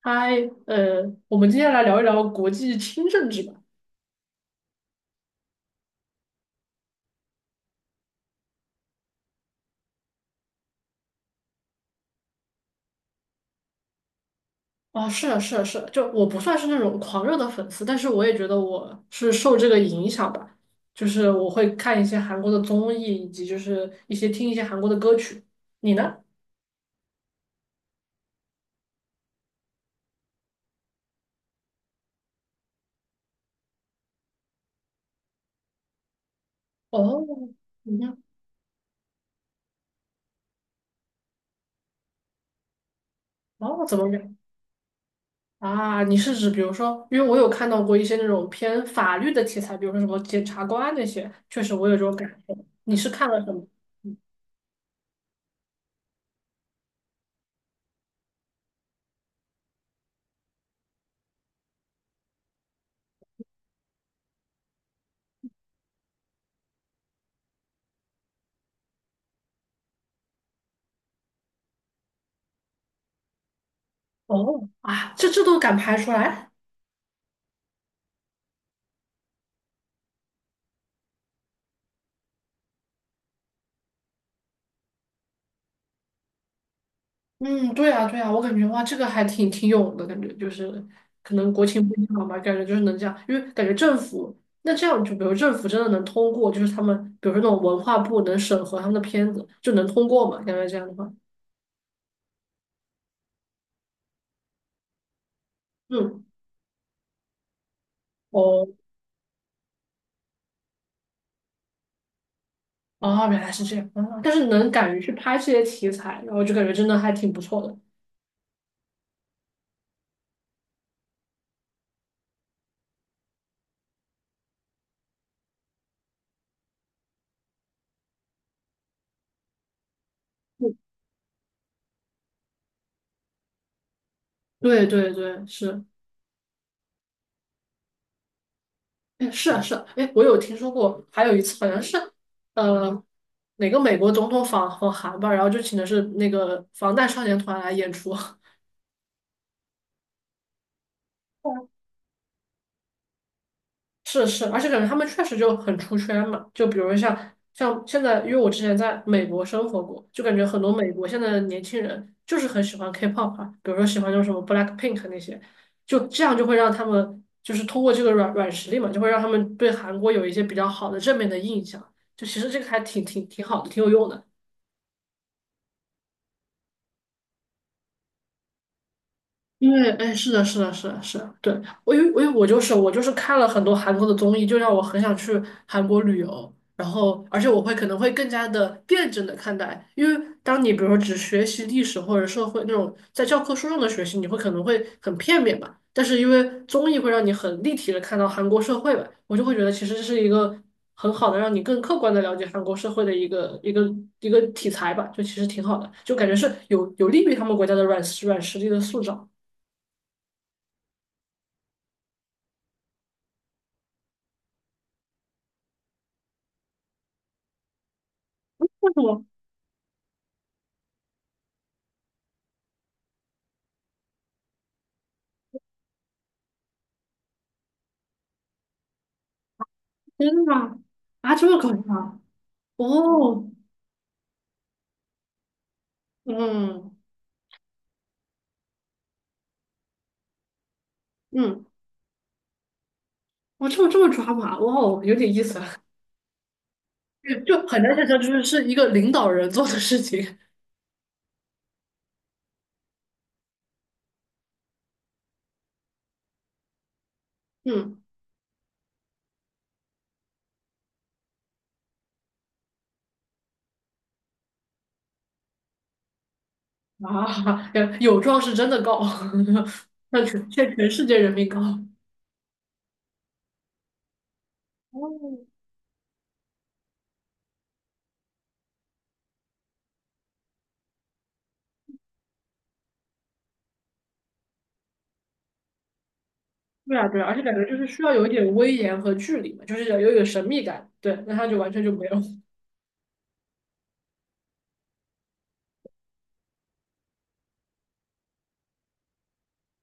嗨，呃，我们今天来聊一聊国际轻政治吧。啊，是啊，是啊，是啊，就我不算是那种狂热的粉丝，但是我也觉得我是受这个影响吧，就是我会看一些韩国的综艺，以及就是一些听一些韩国的歌曲。你呢？哦，你呢？哦，怎么讲啊？你是指比如说，因为我有看到过一些那种偏法律的题材，比如说什么检察官那些，确实我有这种感受。你是看了什么？哦，啊，这都敢拍出来？嗯，对啊，对啊，我感觉哇，这个还挺勇的感觉，就是可能国情不一样吧，感觉就是能这样，因为感觉政府那这样，就比如政府真的能通过，就是他们比如说那种文化部能审核他们的片子，就能通过嘛？感觉这样的话，嗯，哦，哦，原来是这样，啊但是能敢于去拍这些题材，然后就感觉真的还挺不错的。嗯，对对对，是。哎，是啊，是啊，哎，我有听说过，还有一次好像是，呃，哪个美国总统访韩吧，然后就请的是那个防弹少年团来演出。是是，而且感觉他们确实就很出圈嘛。就比如像现在，因为我之前在美国生活过，就感觉很多美国现在的年轻人就是很喜欢 K-pop 啊，比如说喜欢那种什么 BLACKPINK 那些，就这样就会让他们就是通过这个软实力嘛，就会让他们对韩国有一些比较好的正面的印象。就其实这个还挺好的，挺有用的。因为哎，是的，是的，是的，是的，对，我就是看了很多韩国的综艺，就让我很想去韩国旅游，然后而且我会可能会更加的辩证的看待，因为当你比如说只学习历史或者社会那种在教科书上的学习，你会可能会很片面吧，但是因为综艺会让你很立体的看到韩国社会吧，我就会觉得其实这是一个很好的让你更客观的了解韩国社会的一个题材吧，就其实挺好的，就感觉是有利于他们国家的软实力的塑造。我真的吗？啊这么搞笑啊！哦，嗯嗯，哇，这么抓马，哇哦，有点意思啊！就就很难想象，是一个领导人做的事情。嗯啊，有状是真的高，向全世界人民高。哦，对啊对啊，而且感觉就是需要有一点威严和距离嘛，就是要有一点神秘感。对，那他就完全就没有。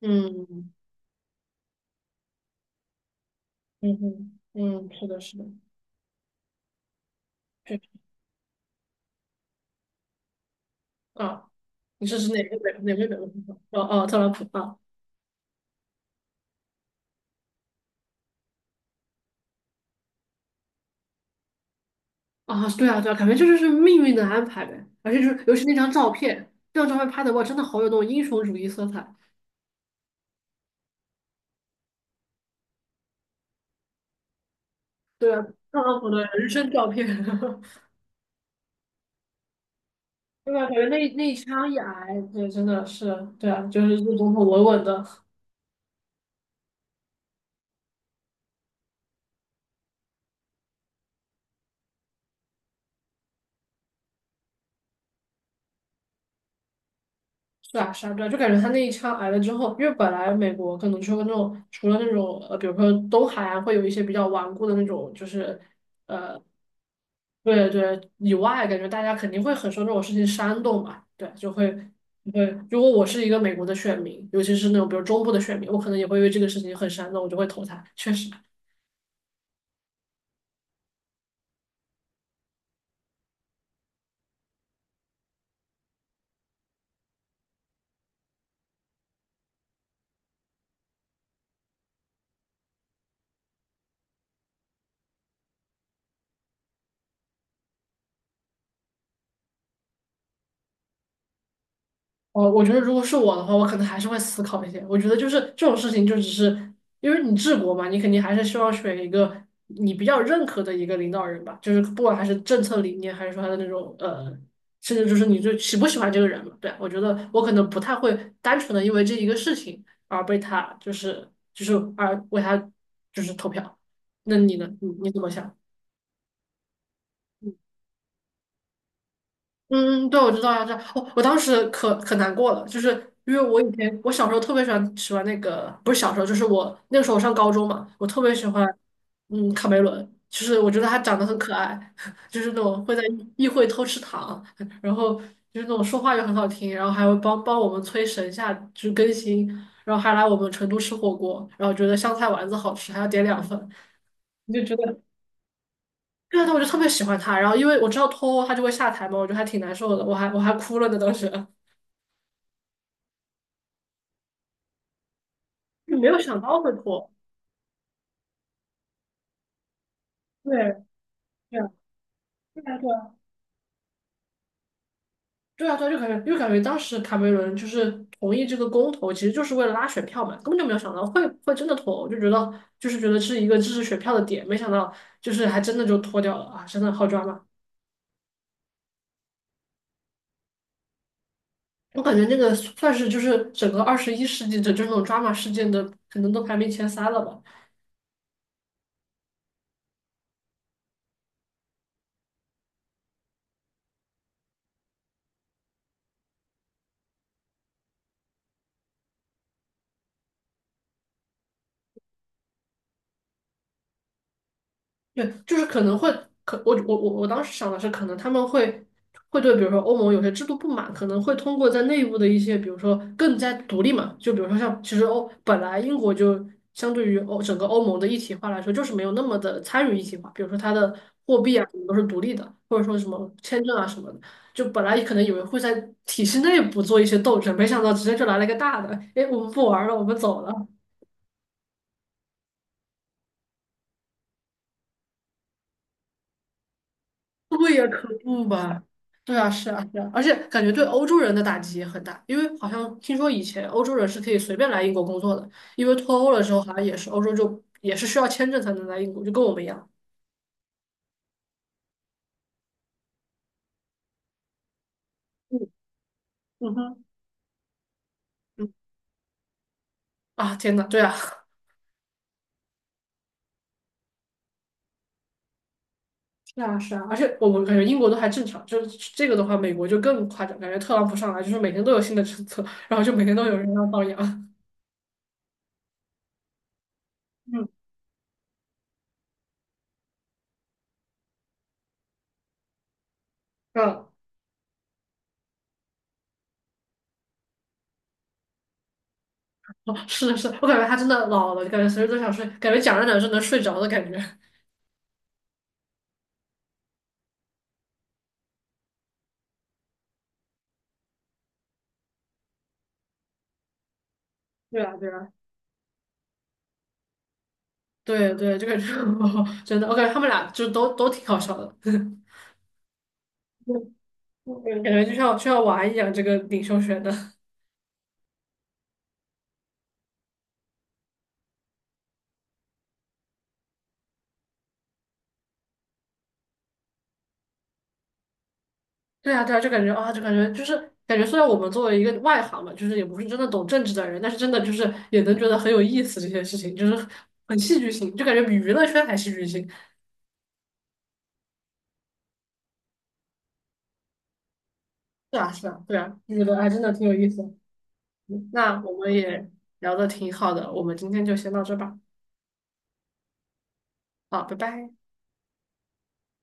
嗯嗯嗯嗯，是的，是的，确实啊。你这是哪个美国总统？哦哦，特朗普啊。啊，对啊，对啊，感觉这就是命运的安排呗。而且就是，尤其那张照片，那张照片拍的哇，真的好有那种英雄主义色彩。对啊，特朗普的人生照片，对吧？感觉那一枪一挨，对，真的是，对啊，就是这总统稳稳的，是啊，是啊，对啊，就感觉他那一枪挨了之后，因为本来美国可能就了那种，除了那种比如说东海岸会有一些比较顽固的那种，就是对对以外，感觉大家肯定会很受这种事情煽动嘛，对，就会对。如果我是一个美国的选民，尤其是那种比如中部的选民，我可能也会因为这个事情很煽动，我就会投他。确实，我觉得如果是我的话，我可能还是会思考一些。我觉得就是这种事情，就只是因为你治国嘛，你肯定还是希望选一个你比较认可的一个领导人吧，就是不管还是政策理念，还是说他的那种呃，甚至就是你就喜不喜欢这个人嘛。对啊，我觉得我可能不太会单纯的因为这一个事情而被他就是而为他就是投票。那你呢？你怎么想？嗯，对，我知道呀，这道。哦，我当时可难过了，就是因为我以前我小时候特别喜欢那个，不是小时候，就是我那个时候我上高中嘛，我特别喜欢卡梅伦，就是我觉得他长得很可爱，就是那种会在议会偷吃糖，然后就是那种说话又很好听，然后还会帮帮我们催神下就是更新，然后还来我们成都吃火锅，然后觉得香菜丸子好吃，还要点两份，你就觉得。对啊，但我就特别喜欢他。然后因为我知道脱欧他就会下台嘛，我觉得还挺难受的，我还哭了呢，当时 就没有想到会脱。对，对啊，对啊，对啊，对啊，对啊，就感觉当时卡梅伦就是同意这个公投，其实就是为了拉选票嘛，根本就没有想到会真的脱欧，就觉得就是觉得是一个支持选票的点，没想到就是还真的就脱掉了啊，真的好抓马。我感觉那个算是就是整个21世纪的这种抓马事件的，可能都排名前三了吧。对，就是可能会，可我当时想的是，可能他们会对，比如说欧盟有些制度不满，可能会通过在内部的一些，比如说更加独立嘛，就比如说像其实本来英国就相对于整个欧盟的一体化来说，就是没有那么的参与一体化，比如说它的货币啊什么都是独立的，或者说什么签证啊什么的，就本来可能以为会在体系内部做一些斗争，没想到直接就来了一个大的，哎，我们不玩了，我们走了。对呀，可不吧？对啊，是啊，是啊，而且感觉对欧洲人的打击也很大，因为好像听说以前欧洲人是可以随便来英国工作的，因为脱欧了之后，好像也是欧洲就也是需要签证才能来英国，就跟我们一样。嗯嗯哼，嗯啊，天呐，对啊，是啊是啊，而且我们感觉英国都还正常，就是这个的话，美国就更夸张，感觉特朗普上来就是每天都有新的政策，然后就每天都有人要放羊。嗯嗯 哦，是的是的，我感觉他真的老了，感觉随时都想睡，感觉讲着讲着就能睡着的感觉。对啊，对啊。对对，这个就 真的，我感觉他们俩就都挺好笑的，对感觉就像玩一样，这个领袖学的。对啊对啊，就感觉啊，就感觉就是感觉，虽然我们作为一个外行嘛，就是也不是真的懂政治的人，但是真的就是也能觉得很有意思这些事情，就是很戏剧性，就感觉比娱乐圈还戏剧性。是啊是啊，对啊，就觉得还真的挺有意思的。嗯那我们也聊的挺好的，我们今天就先到这吧，好，拜拜。